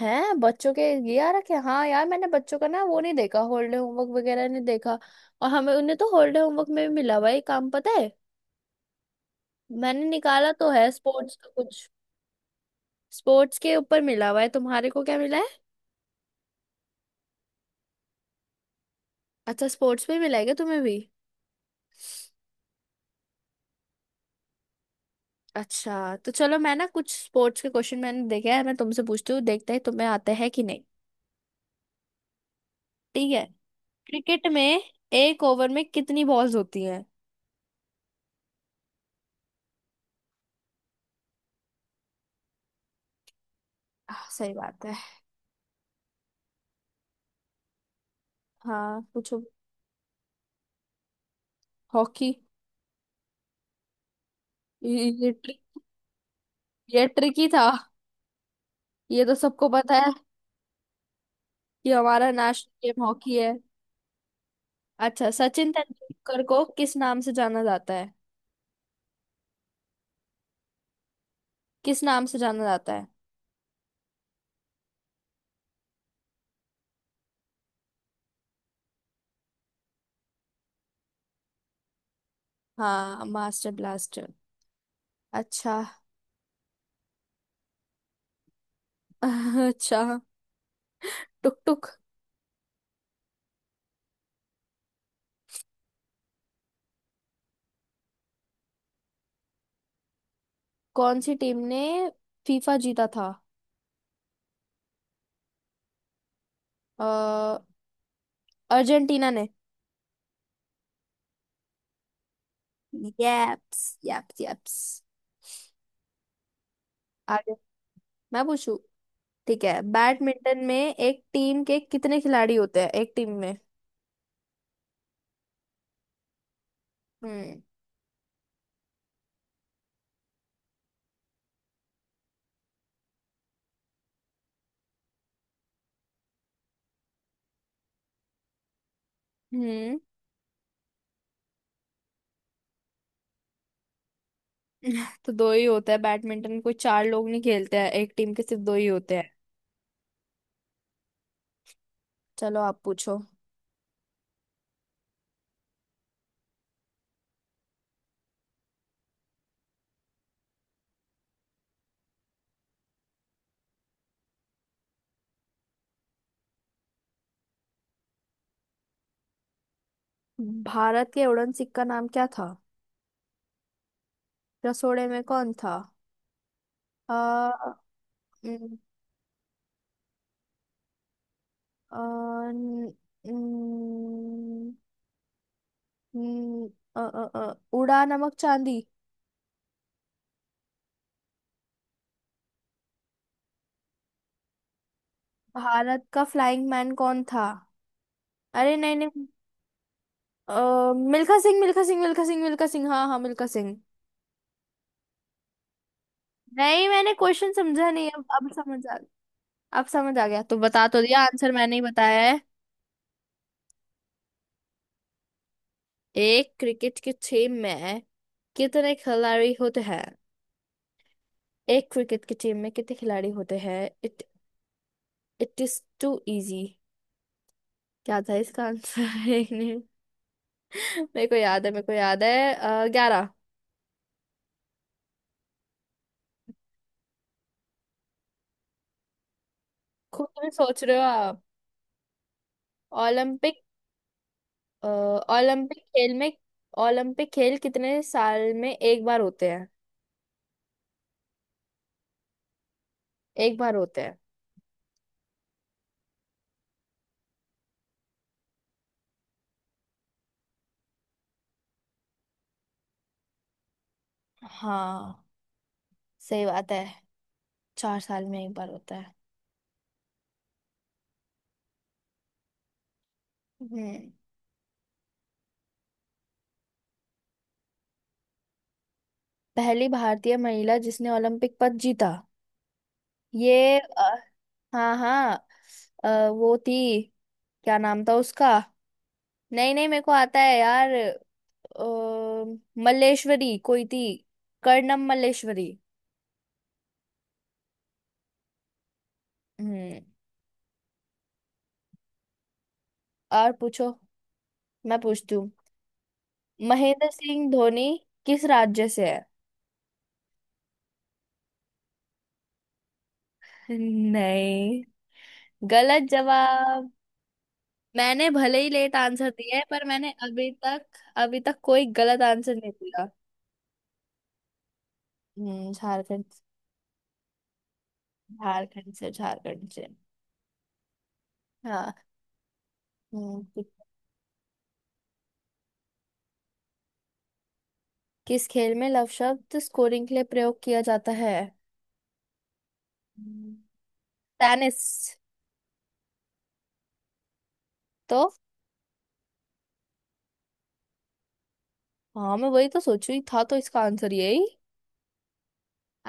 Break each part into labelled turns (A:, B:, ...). A: है बच्चों के, ये आ रखे। हाँ यार, मैंने बच्चों का ना वो नहीं देखा, हॉलीडे होमवर्क वगैरह नहीं देखा। और हमें उन्हें तो हॉलीडे होमवर्क में भी मिला हुआ है ये काम, पता है। मैंने निकाला तो है स्पोर्ट्स का कुछ। स्पोर्ट्स के ऊपर मिला हुआ है, तुम्हारे को क्या मिला है? अच्छा, स्पोर्ट्स में मिला है क्या तुम्हें भी? अच्छा तो चलो, मैं ना कुछ स्पोर्ट्स के क्वेश्चन मैंने देखे हैं, मैं तुमसे पूछती हूँ, देखते हैं तुम्हें आते हैं कि नहीं। ठीक है। क्रिकेट में एक ओवर में कितनी बॉल्स होती हैं? आह, सही बात है। हाँ, पूछो। हॉकी। ये ट्रिक। ये ट्रिकी था। ये तो सबको पता है कि हमारा नेशनल गेम हॉकी है। अच्छा, सचिन तेंदुलकर को किस नाम से जाना जाता है? किस नाम से जाना जाता है? हाँ, मास्टर ब्लास्टर। अच्छा। अच्छा। टुक टुक। कौन सी टीम ने फीफा जीता था? अ, अर्जेंटीना ने। यप्स, यप्स, यप्स। आगे मैं पूछू। ठीक है, बैडमिंटन में एक टीम के कितने खिलाड़ी होते हैं, एक टीम में? हम्म। हम्म। तो दो ही होता है बैडमिंटन, कोई चार लोग नहीं खेलते हैं, एक टीम के सिर्फ दो ही होते हैं। चलो, आप पूछो। भारत के उड़न सिख का नाम क्या था? रसोड़े में कौन था? अ न- अ, न- न- न- उड़ा नमक चांदी। भारत का फ्लाइंग मैन कौन था? अरे नहीं, नहीं। मिल्खा सिंह, मिल्खा सिंह, मिल्खा सिंह, मिल्खा सिंह, हाँ हाँ, मिल्खा सिंह। नहीं, मैंने क्वेश्चन समझा नहीं, अब समझ आ। अब समझ आ गया तो बता तो दिया, आंसर मैंने ही बताया। एक क्रिकेट की टीम में कितने खिलाड़ी होते हैं? एक क्रिकेट की टीम में कितने खिलाड़ी होते हैं? It it is too easy. क्या था इसका आंसर? एक मिनट। मेरे को याद है 11। खुद भी सोच रहे हो आप? ओलंपिक, अ, ओलंपिक खेल में। ओलंपिक खेल कितने साल में एक बार होते हैं? एक बार होते हैं? हाँ, सही बात है। 4 साल में एक बार होता है। हम्म। पहली भारतीय महिला जिसने ओलंपिक पद जीता। ये, हाँ हाँ। वो थी, क्या नाम था उसका? नहीं नहीं, मेरे को आता है यार। अ, मल्लेश्वरी कोई थी। कर्णम मल्लेश्वरी। हम्म। और पूछो। मैं पूछती हूँ। महेंद्र सिंह धोनी किस राज्य से है? नहीं। गलत जवाब। मैंने भले ही लेट आंसर दिया है पर मैंने अभी तक कोई गलत आंसर नहीं दिया। हम्म, झारखंड। झारखंड से, झारखंड से। हाँ। हम्म। किस खेल में लव शब्द स्कोरिंग के लिए प्रयोग किया जाता है? टेनिस। तो, हाँ मैं वही तो सोचू ही था तो इसका आंसर यही।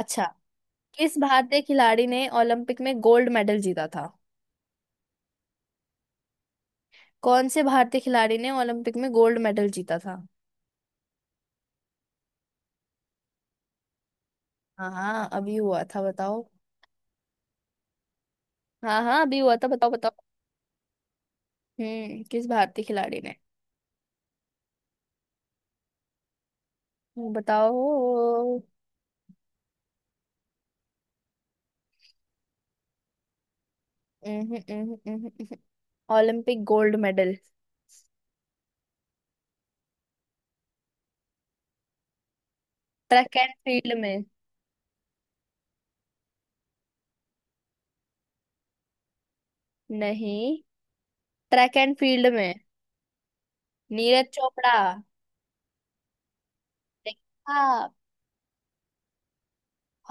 A: अच्छा। किस भारतीय खिलाड़ी ने ओलंपिक में गोल्ड मेडल जीता था? कौन से भारतीय खिलाड़ी ने ओलंपिक में गोल्ड मेडल जीता था? हाँ हाँ, अभी हुआ था बताओ। हाँ हाँ, अभी हुआ था, बताओ बताओ। हम्म, किस भारतीय खिलाड़ी ने। बताओ। उम्हूं, उम्हूं, उम्हूं, उम्हूं। Olympic gold medal, track and field में। नहीं। ट्रैक एंड फील्ड में। नीरज चोपड़ा। देखा आप?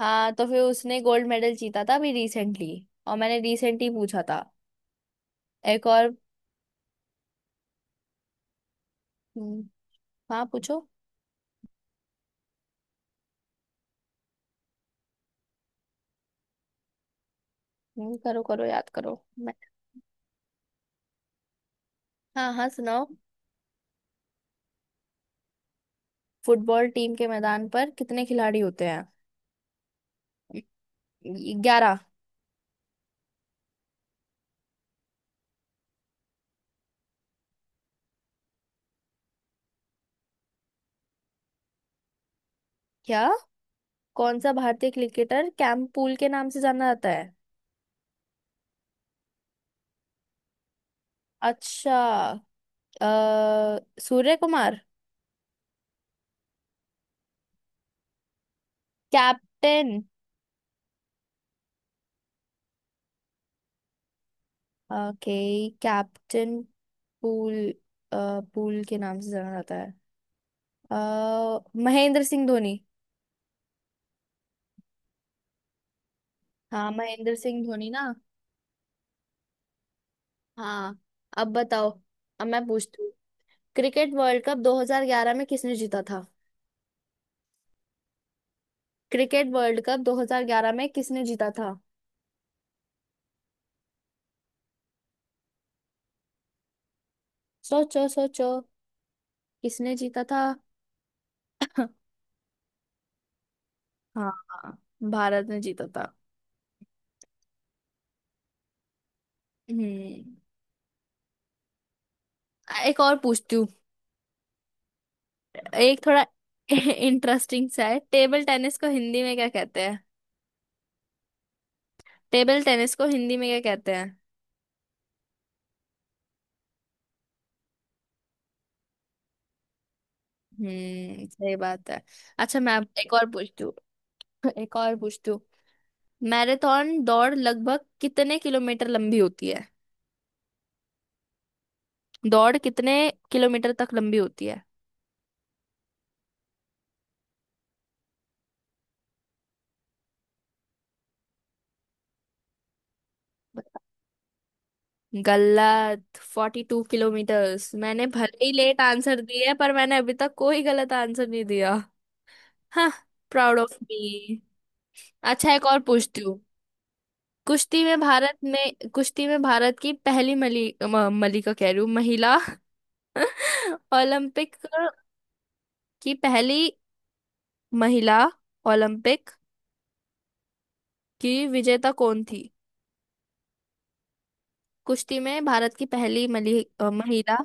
A: हाँ तो फिर उसने गोल्ड मेडल जीता था अभी रिसेंटली। और मैंने रिसेंटली पूछा था। एक और। हम्म। हाँ, पूछो। करो करो याद करो, मैं। हाँ हाँ, सुनाओ। फुटबॉल टीम के मैदान पर कितने खिलाड़ी होते हैं? 11। क्या? कौन सा भारतीय क्रिकेटर कैंपूल के नाम से जाना जाता है? अच्छा। अ, Surya Kumar. Captain. Okay. Captain pool. Pool के नाम से जाना जाता है। अ, महेंद्र सिंह धोनी। हाँ, महेंद्र सिंह धोनी ना। हाँ। अब बताओ। अब मैं पूछती हूँ। क्रिकेट वर्ल्ड कप 2011 में किसने जीता था? क्रिकेट वर्ल्ड कप 2011 में किसने जीता था? सोचो सोचो, किसने जीता था? हाँ हाँ, भारत ने जीता था। हम्म। एक और पूछती हूँ। एक थोड़ा इंटरेस्टिंग सा है। टेबल टेनिस को हिंदी में क्या कहते? टेबल टेनिस को हिंदी में क्या कहते हैं? हम्म, सही बात है। अच्छा, मैं अब एक और पूछती हूँ। एक और पूछती हूँ। मैराथन दौड़ लगभग कितने किलोमीटर लंबी होती है? दौड़ कितने किलोमीटर तक लंबी होती है? बताओ। गलत। 42 किलोमीटर्स। मैंने भले ही लेट आंसर दिया है पर मैंने अभी तक कोई गलत आंसर नहीं दिया। हाँ। Proud of me. अच्छा, एक और पूछती हूँ। कुश्ती में भारत में, कुश्ती में भारत की पहली मली, मलिका, कह रही हूँ, महिला। ओलंपिक की पहली महिला ओलंपिक की विजेता कौन थी? कुश्ती में भारत की पहली मली, महिला।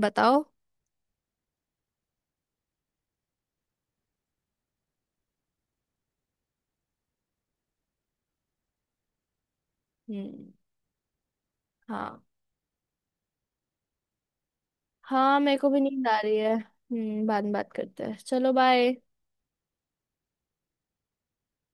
A: बताओ। हम्म। हाँ। हाँ, मेरे को भी नींद आ रही है। बाद में बात करते हैं, चलो बाय।